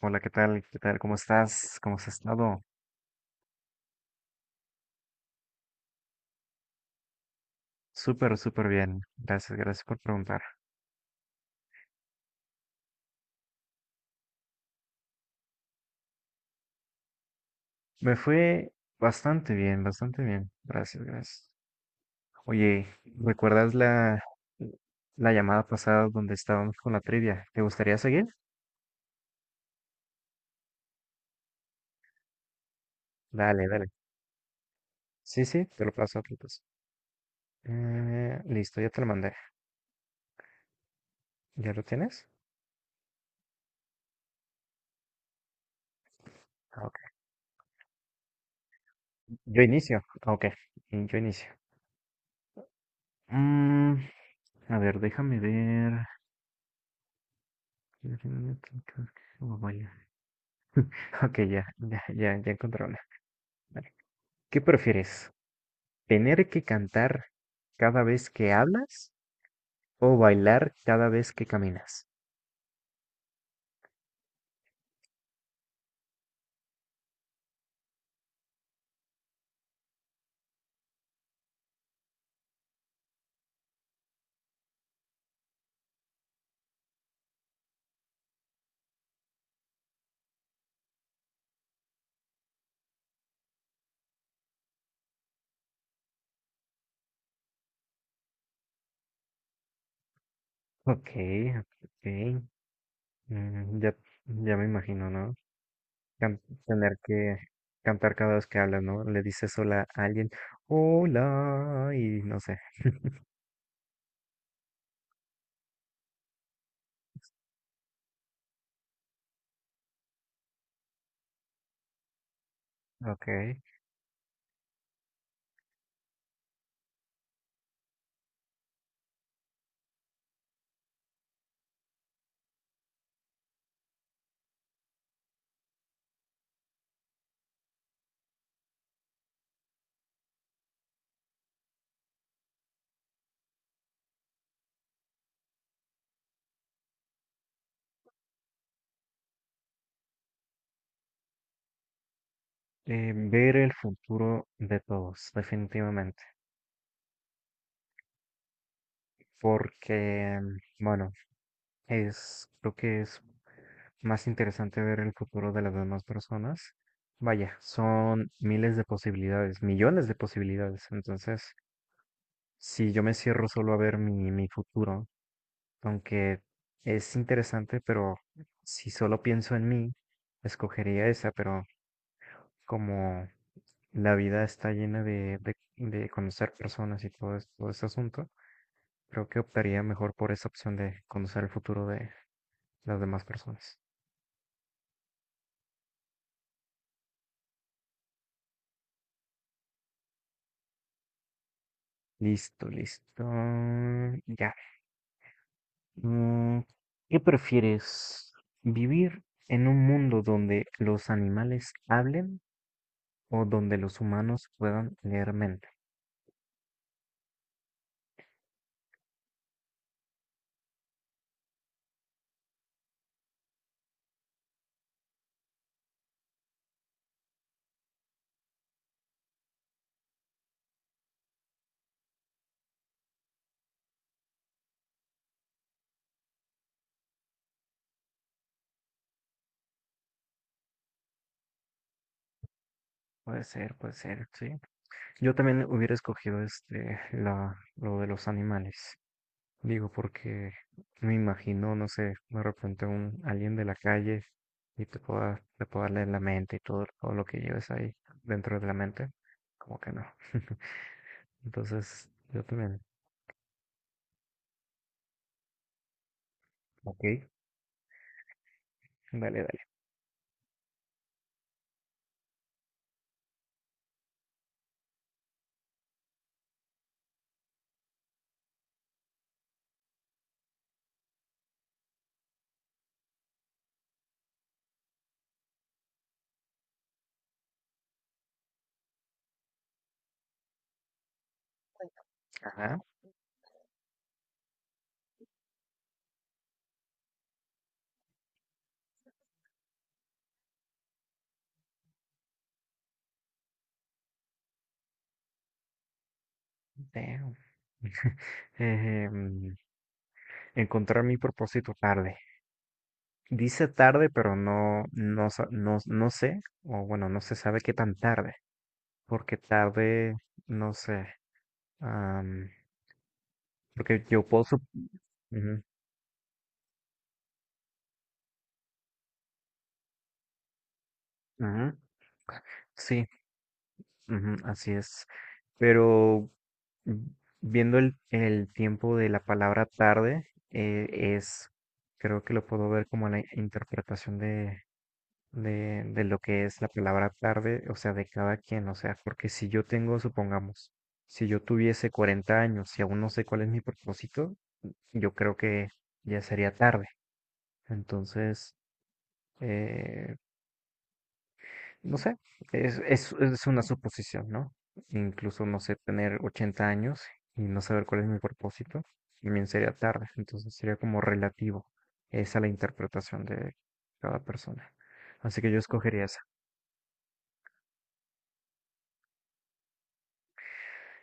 Hola, ¿qué tal? ¿Qué tal? ¿Cómo estás? ¿Cómo has estado? Súper, súper bien. Gracias, gracias por preguntar. Me fue bastante bien, bastante bien. Gracias, gracias. Oye, ¿recuerdas la llamada pasada donde estábamos con la trivia? ¿Te gustaría seguir? Dale, dale. Sí, sí, te lo paso. Listo, ya te lo mandé. ¿Ya lo tienes? Ah, ok. Yo inicio. Ah, ok, y yo inicio. Mm, a ver, déjame ver. Oh, vaya. Ok, ya encontré una. Vale. ¿Qué prefieres? ¿Tener que cantar cada vez que hablas o bailar cada vez que caminas? Ok, ok. mm, ya, ya me imagino, ¿no? Tener que cantar cada vez que hablas, ¿no? Le dices hola a alguien, hola, y no sé. Ok. Ver el futuro de todos, definitivamente. Porque, mm, bueno, Es, Creo que es más interesante ver el futuro de las demás personas. Vaya, son miles de posibilidades, millones de posibilidades. Entonces, si yo me cierro solo a ver mi futuro, aunque es interesante, pero si solo pienso en mí, escogería esa, pero como la vida está llena de conocer personas y todo, todo ese asunto, creo que optaría mejor por esa opción de conocer el futuro de las demás personas. Listo, listo. Ya. Mm, ¿Qué prefieres? ¿Vivir en un mundo donde los animales hablen o donde los humanos puedan leer mente? Puede ser, sí. Yo también hubiera escogido lo de los animales. Digo, porque me imagino, no sé, de repente un alguien de la calle y te pueda leer la mente y todo lo que lleves ahí dentro de la mente, como que no. Entonces, yo también. Ok, dale, dale. Ajá. Damn. Em, Encontrar mi propósito tarde. Dice tarde, pero no sé, o bueno, no se sabe qué tan tarde, porque tarde, no sé. Porque yo puedo... Ujú, ujú, sí, ujú, así es. Pero mm, viendo el tiempo de la palabra tarde, es, creo que lo puedo ver como la interpretación de lo que es la palabra tarde, o sea, de cada quien, o sea, porque si yo tengo, supongamos, si yo tuviese 40 años y aún no sé cuál es mi propósito, yo creo que ya sería tarde. Entonces, eh, no sé, es una suposición, ¿no? Incluso, no sé, tener 80 años y no saber cuál es mi propósito, también sería tarde. Entonces sería como relativo. Esa la interpretación de cada persona. Así que yo escogería esa.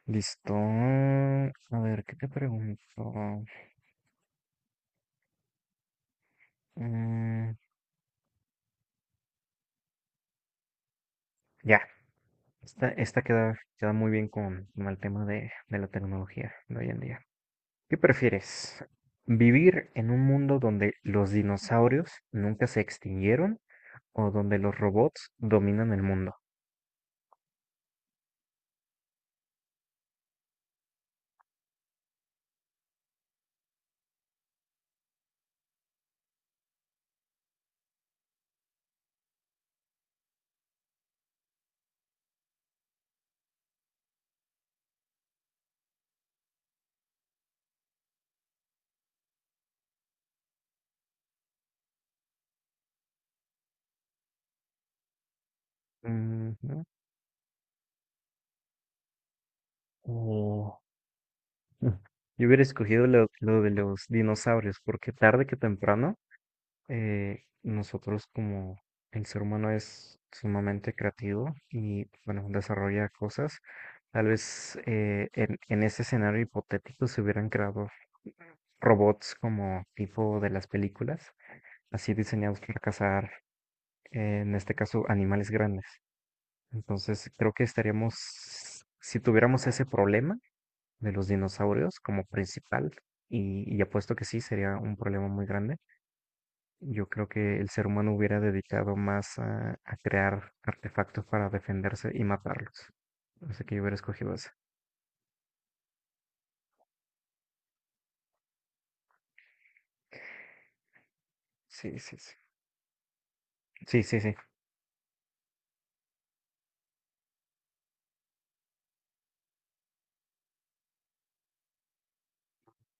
Listo. A ver, ¿qué te pregunto? Mm, ya, esta queda muy bien con el tema de la tecnología de hoy en día. ¿Qué prefieres? ¿Vivir en un mundo donde los dinosaurios nunca se extinguieron o donde los robots dominan el mundo? Ujú. O- Mm. Yo hubiera escogido lo de los dinosaurios porque tarde que temprano nosotros como el ser humano es sumamente creativo y bueno, desarrolla cosas. Tal vez en ese escenario hipotético se hubieran creado robots como tipo de las películas así diseñados para cazar, en este caso, animales grandes. Entonces, creo que estaríamos, si tuviéramos ese problema de los dinosaurios como principal, y apuesto que sí, sería un problema muy grande, yo creo que el ser humano hubiera dedicado más a crear artefactos para defenderse y matarlos. Así que yo hubiera escogido esa. Sí, sí, sí. Sí, sí, sí.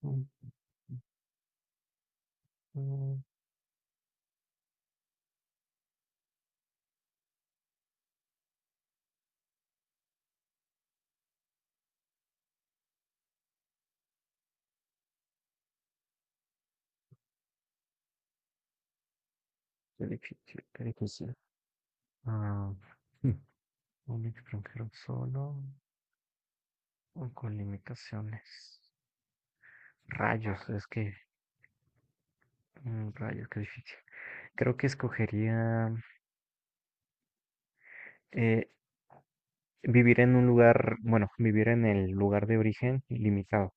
Mm, mm, Qué difícil, qué difícil. Ah, hmm, un extranjero solo. O con limitaciones. Rayos, rayos, qué difícil. Creo que escogería eh, vivir en el lugar de origen limitado,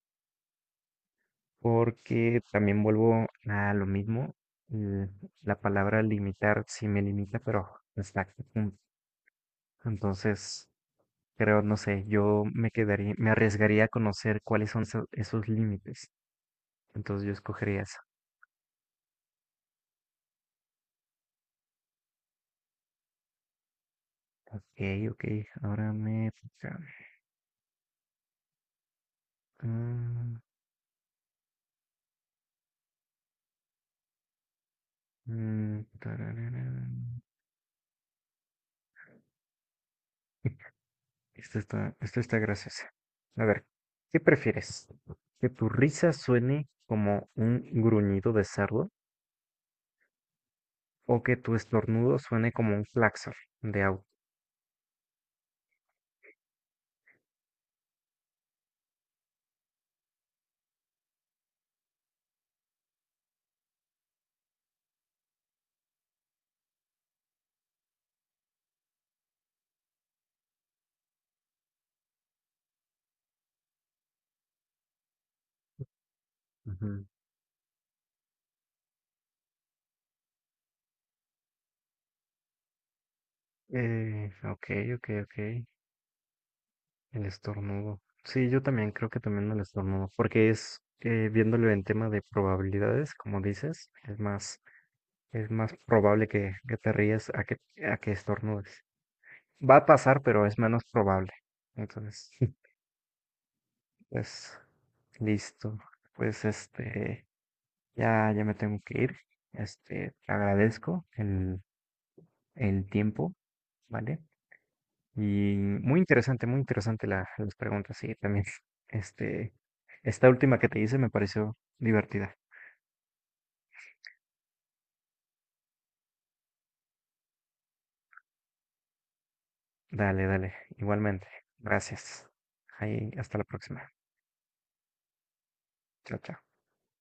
porque también vuelvo a lo mismo. eh, La palabra limitar sí me limita, pero hasta qué punto. Entonces, creo, no sé, yo me quedaría, me arriesgaría a conocer cuáles son esos límites. Entonces, yo escogería eso. Ok, ok, ahora me toca. Mm, tararara. Esta está graciosa. A ver, ¿qué prefieres? ¿Que tu risa suene como un gruñido de cerdo o que tu estornudo suene como un claxon de auto? Ujú. Ok, ok, ok. El estornudo. Sí, yo también creo que también el estornudo, porque viéndolo en tema de probabilidades, como dices, es más probable que te rías a que estornudes. Va a pasar, pero es menos probable. Entonces, pues, listo. Pues este, ya me tengo que ir. Este, te agradezco el tiempo, ¿vale? Y muy interesante las preguntas, sí, también. Este, esta última que te hice me pareció divertida. Dale, dale, igualmente. Gracias. Ahí, hasta la próxima. Chao, chao.